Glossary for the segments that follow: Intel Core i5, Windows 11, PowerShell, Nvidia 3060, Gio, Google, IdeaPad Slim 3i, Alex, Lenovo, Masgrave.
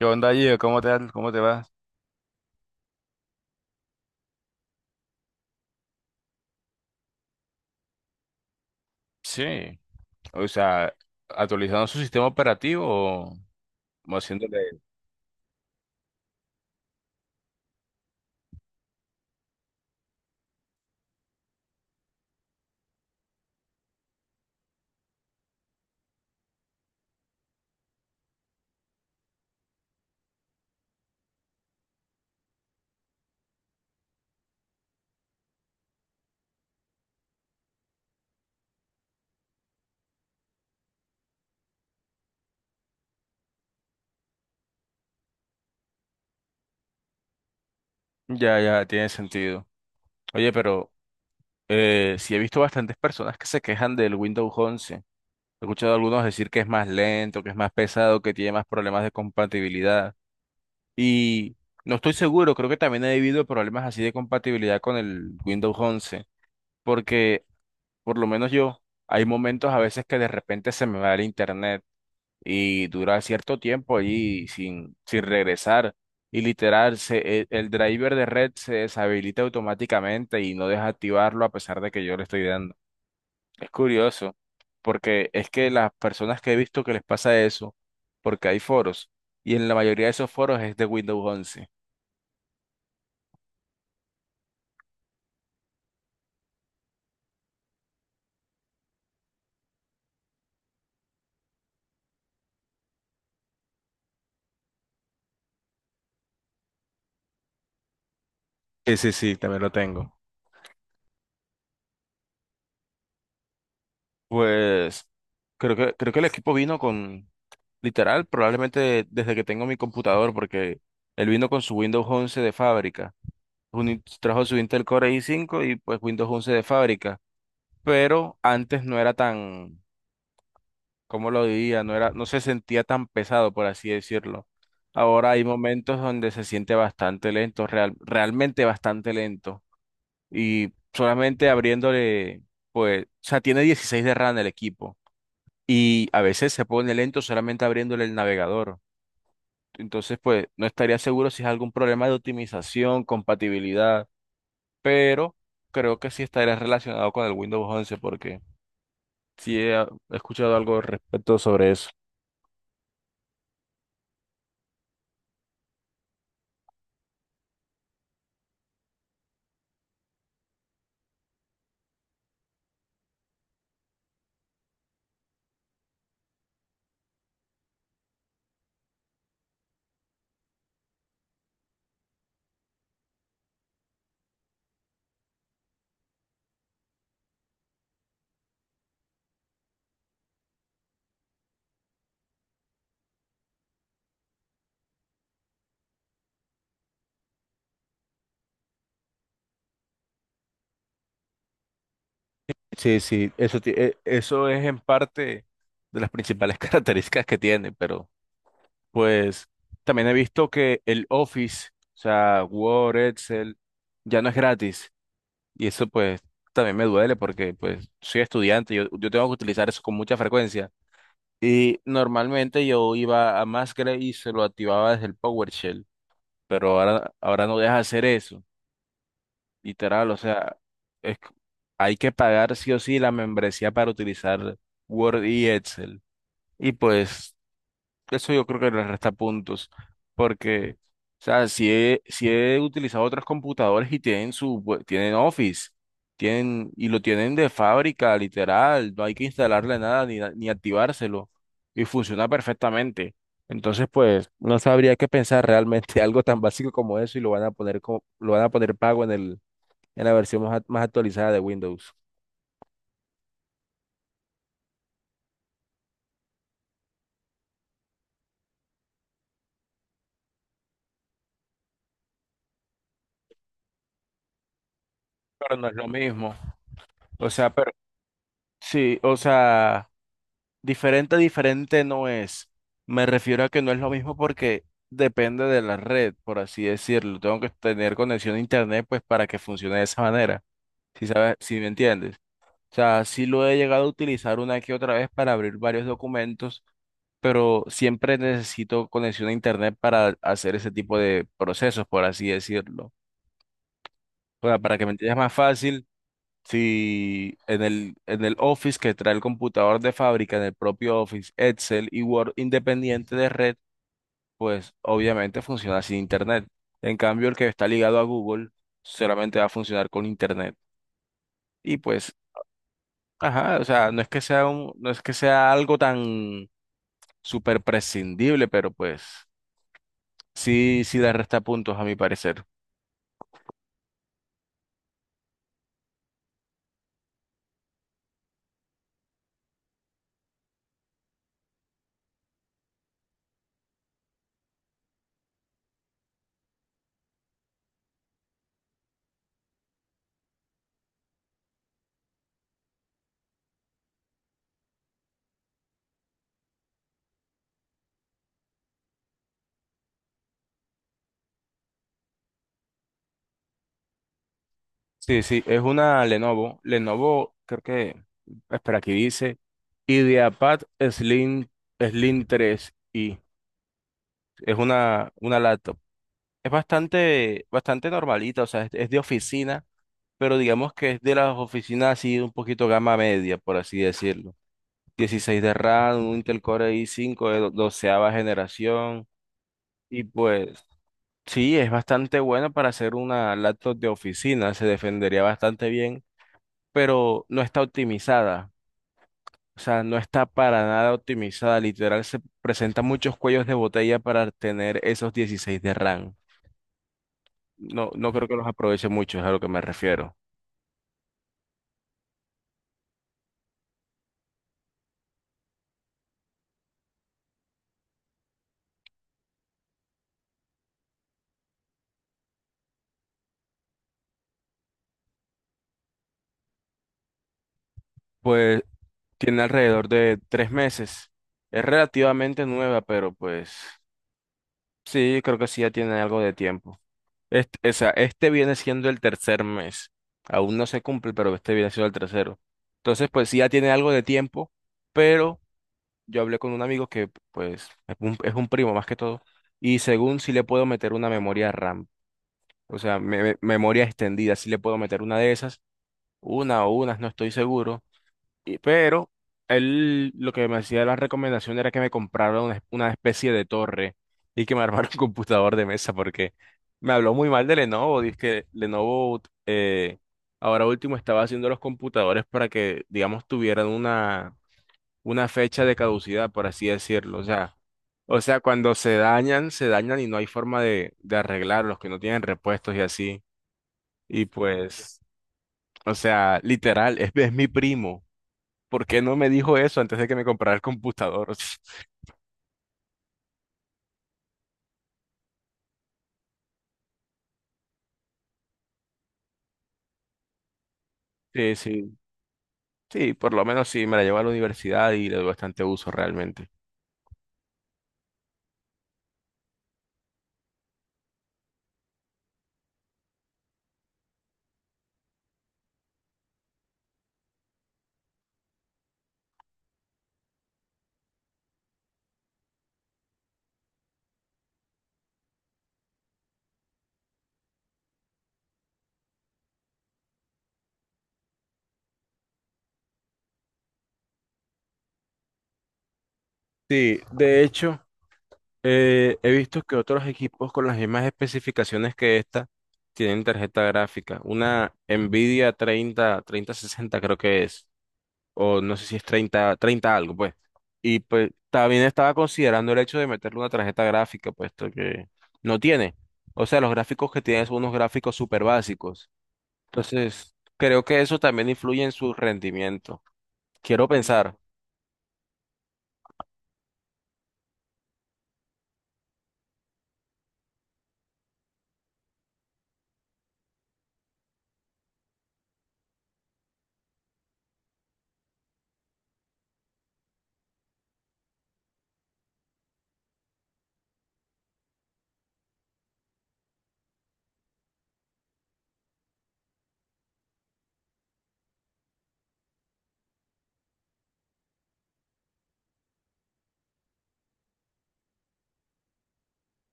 ¿Qué onda, Gio? Cómo te vas? Sí, o sea, actualizando su sistema operativo o haciéndole... Ya, ya, tiene sentido. Oye, pero sí he visto bastantes personas que se quejan del Windows once. He escuchado a algunos decir que es más lento, que es más pesado, que tiene más problemas de compatibilidad. Y no estoy seguro, creo que también he vivido problemas así de compatibilidad con el Windows once, porque por lo menos yo, hay momentos a veces que de repente se me va el internet y dura cierto tiempo allí sin, sin regresar. Y literal, el driver de red se deshabilita automáticamente y no deja activarlo a pesar de que yo le estoy dando. Es curioso, porque es que las personas que he visto que les pasa eso, porque hay foros, y en la mayoría de esos foros es de Windows once. Sí, sí, sí, también lo tengo. Pues creo que el equipo vino con, literal, probablemente desde que tengo mi computador, porque él vino con su Windows once de fábrica. Trajo su Intel Core i5 y pues Windows 11 de fábrica, pero antes no era tan, ¿cómo lo diría? No era, no se sentía tan pesado, por así decirlo. Ahora hay momentos donde se siente bastante lento, realmente bastante lento. Y solamente abriéndole, pues, o sea, tiene 16 de RAM el equipo. Y a veces se pone lento solamente abriéndole el navegador. Entonces, pues, no estaría seguro si es algún problema de optimización, compatibilidad, pero creo que sí estaría relacionado con el Windows once porque sí he escuchado algo al respecto sobre eso. Sí, sí, eso, eso es en parte de las principales características que tiene, pero pues también he visto que el Office, o sea, Word, Excel, ya no es gratis y eso pues también me duele porque pues soy estudiante, yo tengo que utilizar eso con mucha frecuencia. Y normalmente yo iba a Masgrave y se lo activaba desde el PowerShell, pero ahora no deja hacer eso, literal, o sea, es, c- hay que pagar sí o sí la membresía para utilizar Word y Excel. Y pues eso yo creo que le resta puntos, porque, o sea, si he utilizado otros computadores y tienen tienen Office, tienen, y lo tienen de fábrica, literal, no hay que instalarle nada ni activárselo, y funciona perfectamente. Entonces, pues, no sabría qué pensar realmente algo tan básico como eso y lo van a poner como, lo van a poner pago en el, en la versión más actualizada de Windows. Pero no es lo mismo. O sea, pero sí, o sea. Diferente, diferente no es. Me refiero a que no es lo mismo porque depende de la red, por así decirlo. Tengo que tener conexión a internet pues para que funcione de esa manera. Si sabes, si me entiendes. O sea, sí lo he llegado a utilizar una que otra vez para abrir varios documentos, pero siempre necesito conexión a internet para hacer ese tipo de procesos, por así decirlo. O sea, para que me entiendas más fácil. Si en el, en el Office que trae el computador de fábrica, en el propio Office, Excel y Word independiente de red, pues obviamente funciona sin Internet. En cambio, el que está ligado a Google solamente va a funcionar con Internet. Y pues, ajá, o sea, no es que sea un, no es que sea algo tan súper prescindible, pero pues sí, sí le resta puntos a mi parecer. Sí, sí, es una Lenovo. Lenovo, creo que, espera, aquí dice IdeaPad Slim, Slim 3i. Es una laptop. Es bastante, bastante normalita, o sea, es de oficina, pero digamos que es de las oficinas así un poquito gama media, por así decirlo. 16 de RAM, un Intel Core i5 de doceava generación. Y pues, sí, es bastante bueno para hacer una laptop de oficina. Se defendería bastante bien, pero no está optimizada. O sea, no está para nada optimizada. Literal, se presentan muchos cuellos de botella para tener esos 16 de RAM. No, no creo que los aproveche mucho, es a lo que me refiero. Pues tiene alrededor de tres meses. Es relativamente nueva, pero pues sí, creo que sí ya tiene algo de tiempo. Este, o sea, este viene siendo el tercer mes. Aún no se cumple, pero este viene siendo el tercero. Entonces, pues sí ya tiene algo de tiempo, pero yo hablé con un amigo que pues es un primo más que todo, y según si le puedo meter una memoria RAM, o sea, memoria extendida, si le puedo meter una de esas, una o unas, no estoy seguro, y, pero él lo que me hacía la recomendación era que me comprara una especie de torre y que me armara un computador de mesa, porque me habló muy mal de Lenovo, dice que Lenovo eh, ahora último estaba haciendo los computadores para que, digamos, tuvieran una fecha de caducidad, por así decirlo. O sea, cuando se dañan y no hay forma de arreglarlos, que no tienen repuestos y así. Y pues, o sea, literal, es mi primo. ¿Por qué no me dijo eso antes de que me comprara el computador? Sí, sí, sí, por lo menos sí, me la llevo a la universidad y le doy bastante uso realmente. Sí, de hecho. He visto que otros equipos con las mismas especificaciones que esta tienen tarjeta gráfica. Una Nvidia 30, 3060 creo que es, o no sé si es 30, 30 algo, pues. Y pues también estaba considerando el hecho de meterle una tarjeta gráfica, puesto que no tiene. O sea, los gráficos que tiene son unos gráficos súper básicos. Entonces, creo que eso también influye en su rendimiento. Quiero pensar,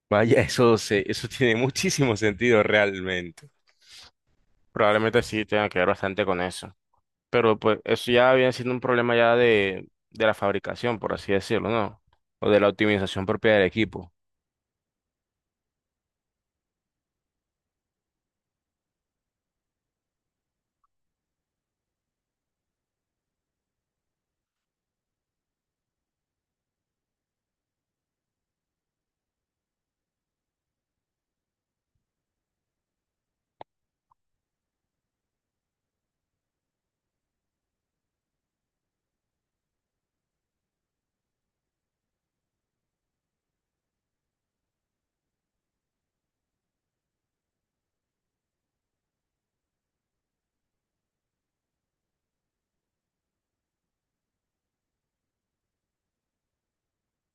vaya, eso se, eso tiene muchísimo sentido realmente. Probablemente sí tenga que ver bastante con eso. Pero pues eso ya viene siendo un problema ya de la fabricación, por así decirlo, ¿no? O de la optimización propia del equipo.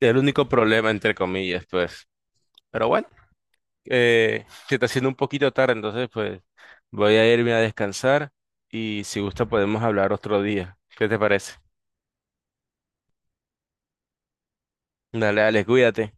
Es el único problema, entre comillas, pues. Pero bueno, se está haciendo un poquito tarde, entonces pues voy a irme a descansar y si gusta podemos hablar otro día. ¿Qué te parece? Dale, Alex, cuídate.